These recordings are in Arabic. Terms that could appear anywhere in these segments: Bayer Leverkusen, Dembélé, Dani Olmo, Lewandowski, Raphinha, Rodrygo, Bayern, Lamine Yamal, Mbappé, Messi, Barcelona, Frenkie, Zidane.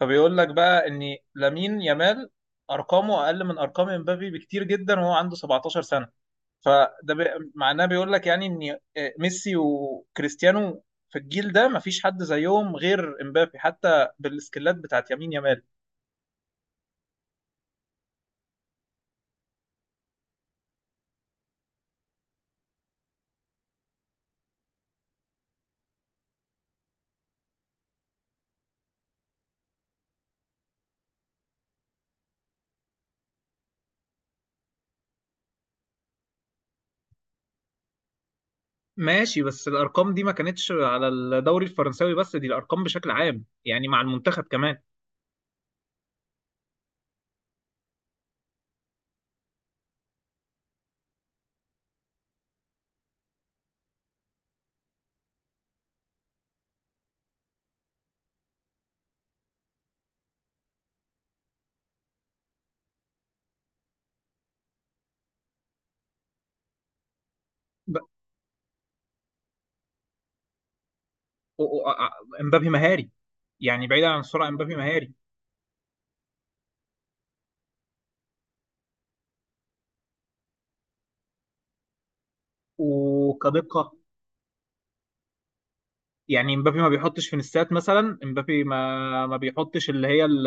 فبيقول لك بقى ان لامين يامال ارقامه اقل من ارقام امبابي بكتير جدا، وهو عنده 17 سنه. فده بي... معناه بيقول لك يعني ان ميسي وكريستيانو في الجيل ده مفيش حد زيهم غير امبابي، حتى بالسكيلات بتاعت يمين يامال. ماشي، بس الارقام دي ما كانتش على الدوري الفرنساوي بس، دي الارقام بشكل عام يعني مع المنتخب كمان. ب... و... و... امبابي مهاري، يعني بعيدا عن السرعه امبابي مهاري وكدقه. يعني مبابي ما بيحطش فينيسات مثلا، مبابي ما بيحطش اللي هي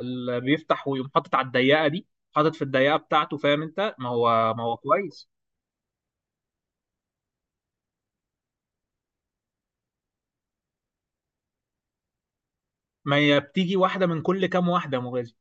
اللي بيفتح ويقوم حاطط على الضيقه دي، حاطط في الضيقه بتاعته، فاهم؟ انت ما هو كويس. ما هي بتيجي واحده من كل كام واحده يا مغازي.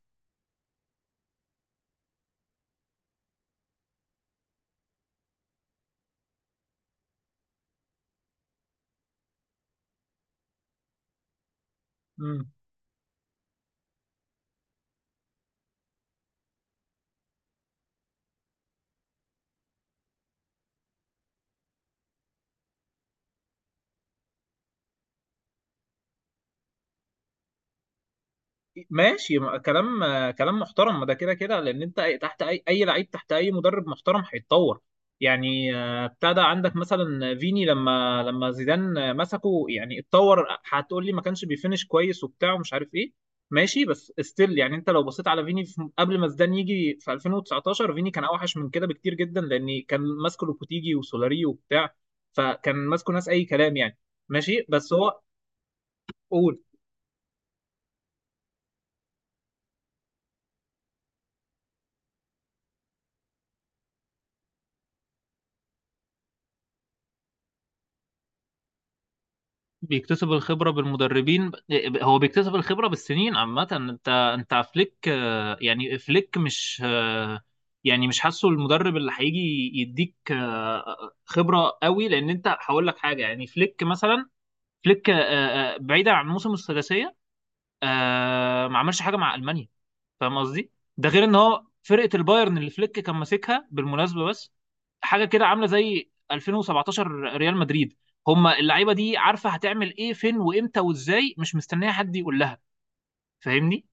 ماشي كلام كلام محترم، ما ده كده كده لان انت تحت اي لعيب تحت اي مدرب محترم هيتطور. يعني ابتدى عندك مثلا فيني لما زيدان مسكه يعني اتطور. هتقول لي ما كانش بيفنش كويس وبتاع ومش عارف ايه، ماشي بس ستيل، يعني انت لو بصيت على فيني في قبل ما زيدان يجي في 2019، فيني كان اوحش من كده بكتير جدا، لان كان ماسكه لوبوتيجي وسولاري وبتاع، فكان ماسكه ناس اي كلام يعني. ماشي بس هو. قول. بيكتسب الخبرة بالمدربين، هو بيكتسب الخبرة بالسنين عامة. انت فليك يعني فليك مش يعني مش حاسه المدرب اللي هيجي يديك خبرة قوي، لان انت هقول لك حاجة، يعني فليك مثلا، فليك بعيدا عن موسم الثلاثية، آه، ما عملش حاجه مع المانيا، فاهم قصدي؟ ده غير ان هو فرقه البايرن اللي فليك كان ماسكها بالمناسبه، بس حاجه كده عامله زي 2017 ريال مدريد. هما اللعيبه دي عارفه هتعمل ايه، فين وامتى وازاي، مش مستنيه حد يقول لها، فاهمني؟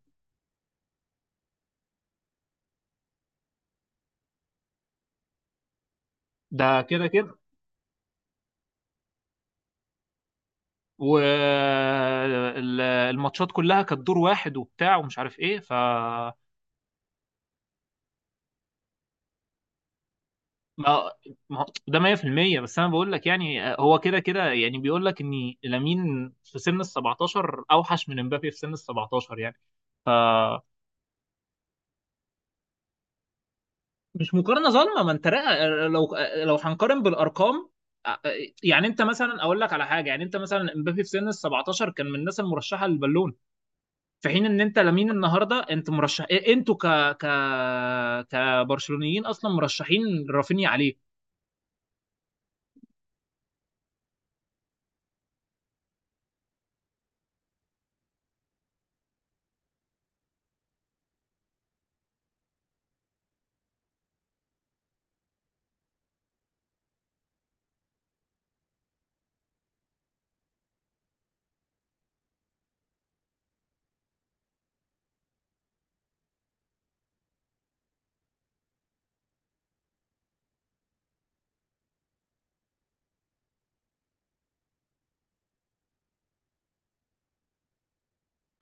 ده كده كده. والماتشات كلها كانت دور واحد وبتاع ومش عارف ايه، ف ما ما هو- ده 100%. بس انا بقول لك يعني هو كده كده يعني بيقول لك ان لامين في سن ال 17 اوحش من امبابي في سن ال 17 يعني ف. مش مقارنه ظالمه، ما انت لو هنقارن بالارقام، آه، يعني انت مثلا اقول لك على حاجه، يعني انت مثلا امبابي في سن ال 17 كان من الناس المرشحه للبالون، في حين ان انت لامين النهارده انت مرشح انتوا ك ك كبرشلونيين اصلا مرشحين رافينيا عليه.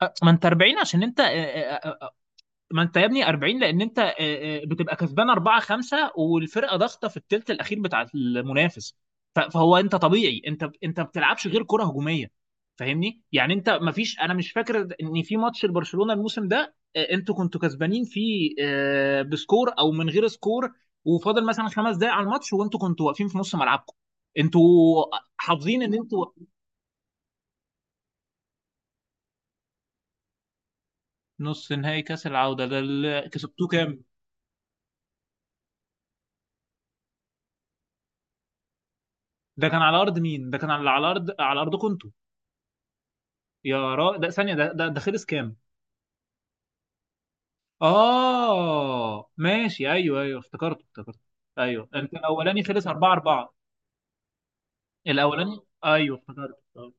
ما انت 40 عشان انت، ما انت يا ابني 40 لان انت بتبقى كسبان 4 5 والفرقه ضاغطه في الثلث الاخير بتاع المنافس. فهو انت طبيعي، انت ما بتلعبش غير كره هجوميه، فاهمني؟ يعني انت ما فيش، انا مش فاكر ان في ماتش لبرشلونه الموسم ده انتوا كنتوا كسبانين فيه بسكور او من غير سكور، وفاضل مثلا 5 دقائق على الماتش، وانتوا كنتوا واقفين في نص ملعبكم، انتوا حافظين ان انتوا. نص نهائي كاس العوده ده اللي كسبتوه كام؟ ده كان على ارض مين؟ ده كان على، على ارض، على ارضكم انتوا؟ يا را ده ثانية، ده خلص كام؟ آه ماشي، أيوه أيوه، افتكرته افتكرته. أيوه، أنت الأولاني خلص 4 4. الأولاني أيوه، افتكرته آه.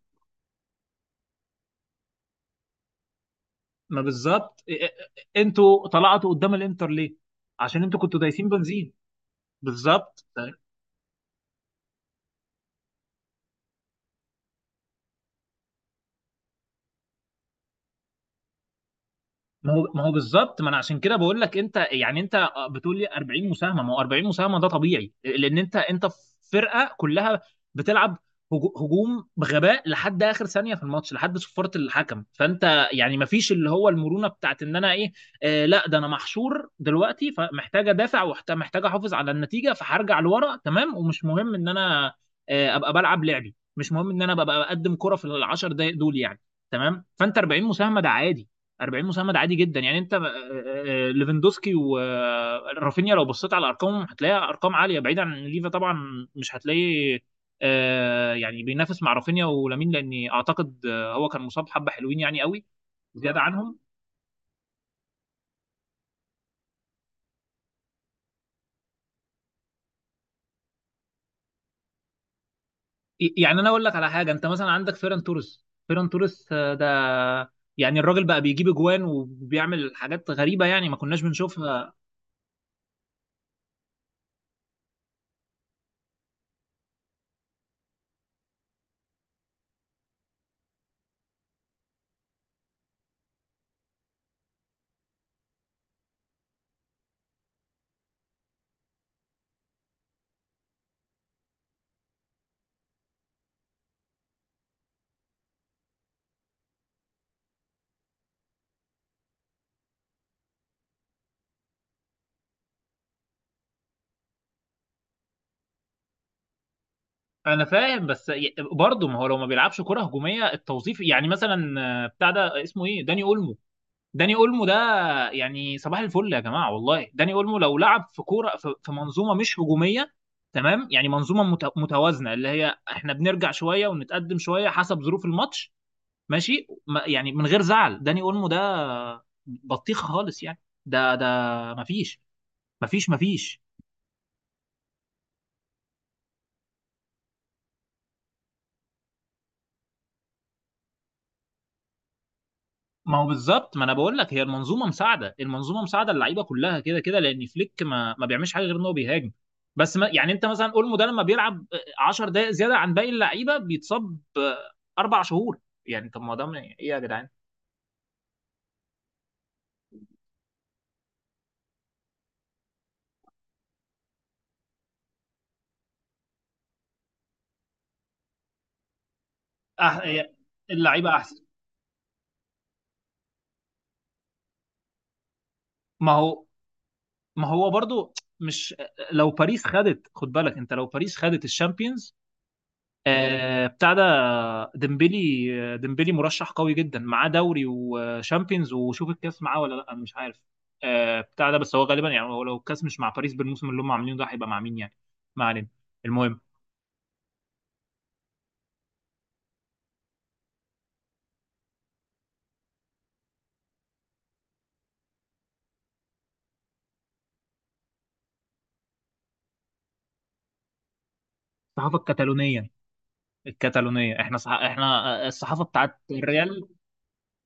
ما بالظبط، أنتوا طلعتوا قدام الإنتر ليه؟ عشان أنتوا كنتوا دايسين بنزين. بالظبط. ما هو بالظبط، ما انا عشان كده بقول لك انت، يعني انت بتقول لي 40 مساهمه، ما هو 40 مساهمه ده طبيعي لان انت في فرقه كلها بتلعب هجوم بغباء لحد اخر ثانيه في الماتش لحد صفاره الحكم، فانت يعني ما فيش اللي هو المرونه بتاعت ان انا ايه، آه لا ده انا محشور دلوقتي، فمحتاج ادافع ومحتاج احافظ على النتيجه فهرجع لورا، تمام، ومش مهم ان انا آه ابقى بلعب لعبي، مش مهم ان انا ببقى بقدم كره في العشر دقايق دول يعني. تمام، فانت 40 مساهمه ده عادي، 40 مساعد عادي جدا يعني. انت ليفاندوسكي ورافينيا لو بصيت على ارقامهم هتلاقيها ارقام عاليه، بعيد عن ليفا طبعا مش هتلاقي، يعني بينافس مع رافينيا ولامين، لاني اعتقد هو كان مصاب حبه حلوين يعني قوي زياده عنهم. يعني انا اقول لك على حاجه، انت مثلا عندك فيران توريس، فيران توريس ده يعني الراجل بقى بيجيب اجوان وبيعمل حاجات غريبه يعني ما كناش بنشوفها. انا فاهم، بس برضه ما هو لو ما بيلعبش كره هجوميه التوظيف، يعني مثلا بتاع ده اسمه ايه، داني اولمو. داني اولمو ده يعني صباح الفل يا جماعه والله، داني اولمو لو لعب في كوره، في منظومه مش هجوميه تمام، يعني منظومه متوازنه اللي هي احنا بنرجع شويه ونتقدم شويه حسب ظروف الماتش، ماشي يعني من غير زعل، داني اولمو ده بطيخ خالص يعني. ده مفيش مفيش مفيش. ما هو بالظبط، ما انا بقول لك هي المنظومه مساعده، المنظومه مساعده، اللعيبه كلها كده كده، لان فليك ما بيعملش حاجه غير ان هو بيهاجم بس، ما يعني انت مثلا اولمو ده لما بيلعب 10 دقائق زياده عن باقي اللعيبه بيتصاب 4 شهور. يعني طب ما ده ايه يا جدعان؟ أح... يا- اللعيبه احسن. ما هو ما هو برضو، مش لو باريس خدت، خد بالك انت، لو باريس خدت الشامبيونز بتاع ده، ديمبلي، ديمبلي مرشح قوي جدا، معاه دوري وشامبيونز، وشوف الكاس معاه ولا لا، مش عارف بتاع ده، بس هو غالبا يعني، هو لو الكاس مش مع باريس بالموسم اللي هم عاملينه ده، هيبقى مع مين يعني؟ ما علينا، المهم. الصحافه الكتالونيه، الكتالونيه احنا احنا الصحافه بتاعت الريال.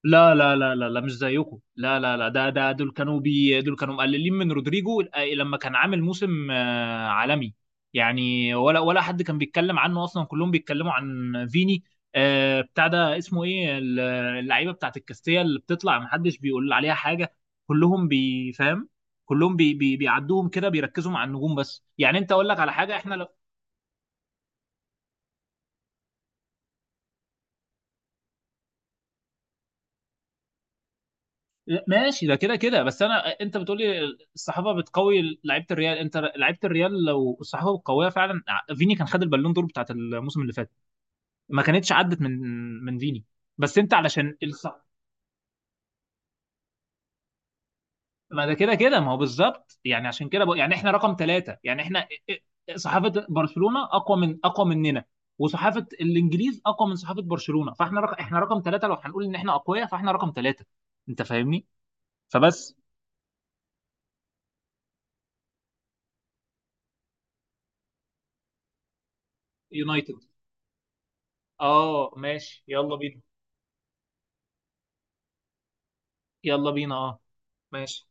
لا لا لا لا لا، مش زيكم، لا لا لا، ده ده دول كانوا بي دول كانوا مقللين من رودريجو لما كان عامل موسم عالمي، يعني ولا حد كان بيتكلم عنه اصلا، كلهم بيتكلموا عن فيني. بتاع ده اسمه ايه اللعيبه بتاعت الكاستيا اللي بتطلع، محدش بيقول عليها حاجه. كلهم بيفهم، كلهم بي بي بيعدوهم كده، بيركزوا مع النجوم بس، يعني انت اقول لك على حاجه احنا لو. ماشي ده كده كده، بس انا، انت بتقولي الصحافه بتقوي لعيبه الريال، انت لعيبه الريال لو الصحافه القويه فعلا، فيني كان خد البالون دور بتاعت الموسم اللي فات، ما كانتش عدت من من فيني، بس انت علشان الصح. ما ده كده كده، ما هو بالظبط يعني عشان كده بقى، يعني احنا رقم ثلاثة، يعني احنا صحافه برشلونه اقوى، من اقوى مننا، وصحافه الانجليز اقوى من صحافه برشلونه، فاحنا رقم، احنا رقم ثلاثة، لو هنقول ان احنا اقوياء فاحنا رقم ثلاثة، انت فاهمني؟ فبس. يونايتد، اه ماشي، يلا بينا. يلا بينا، اه ماشي.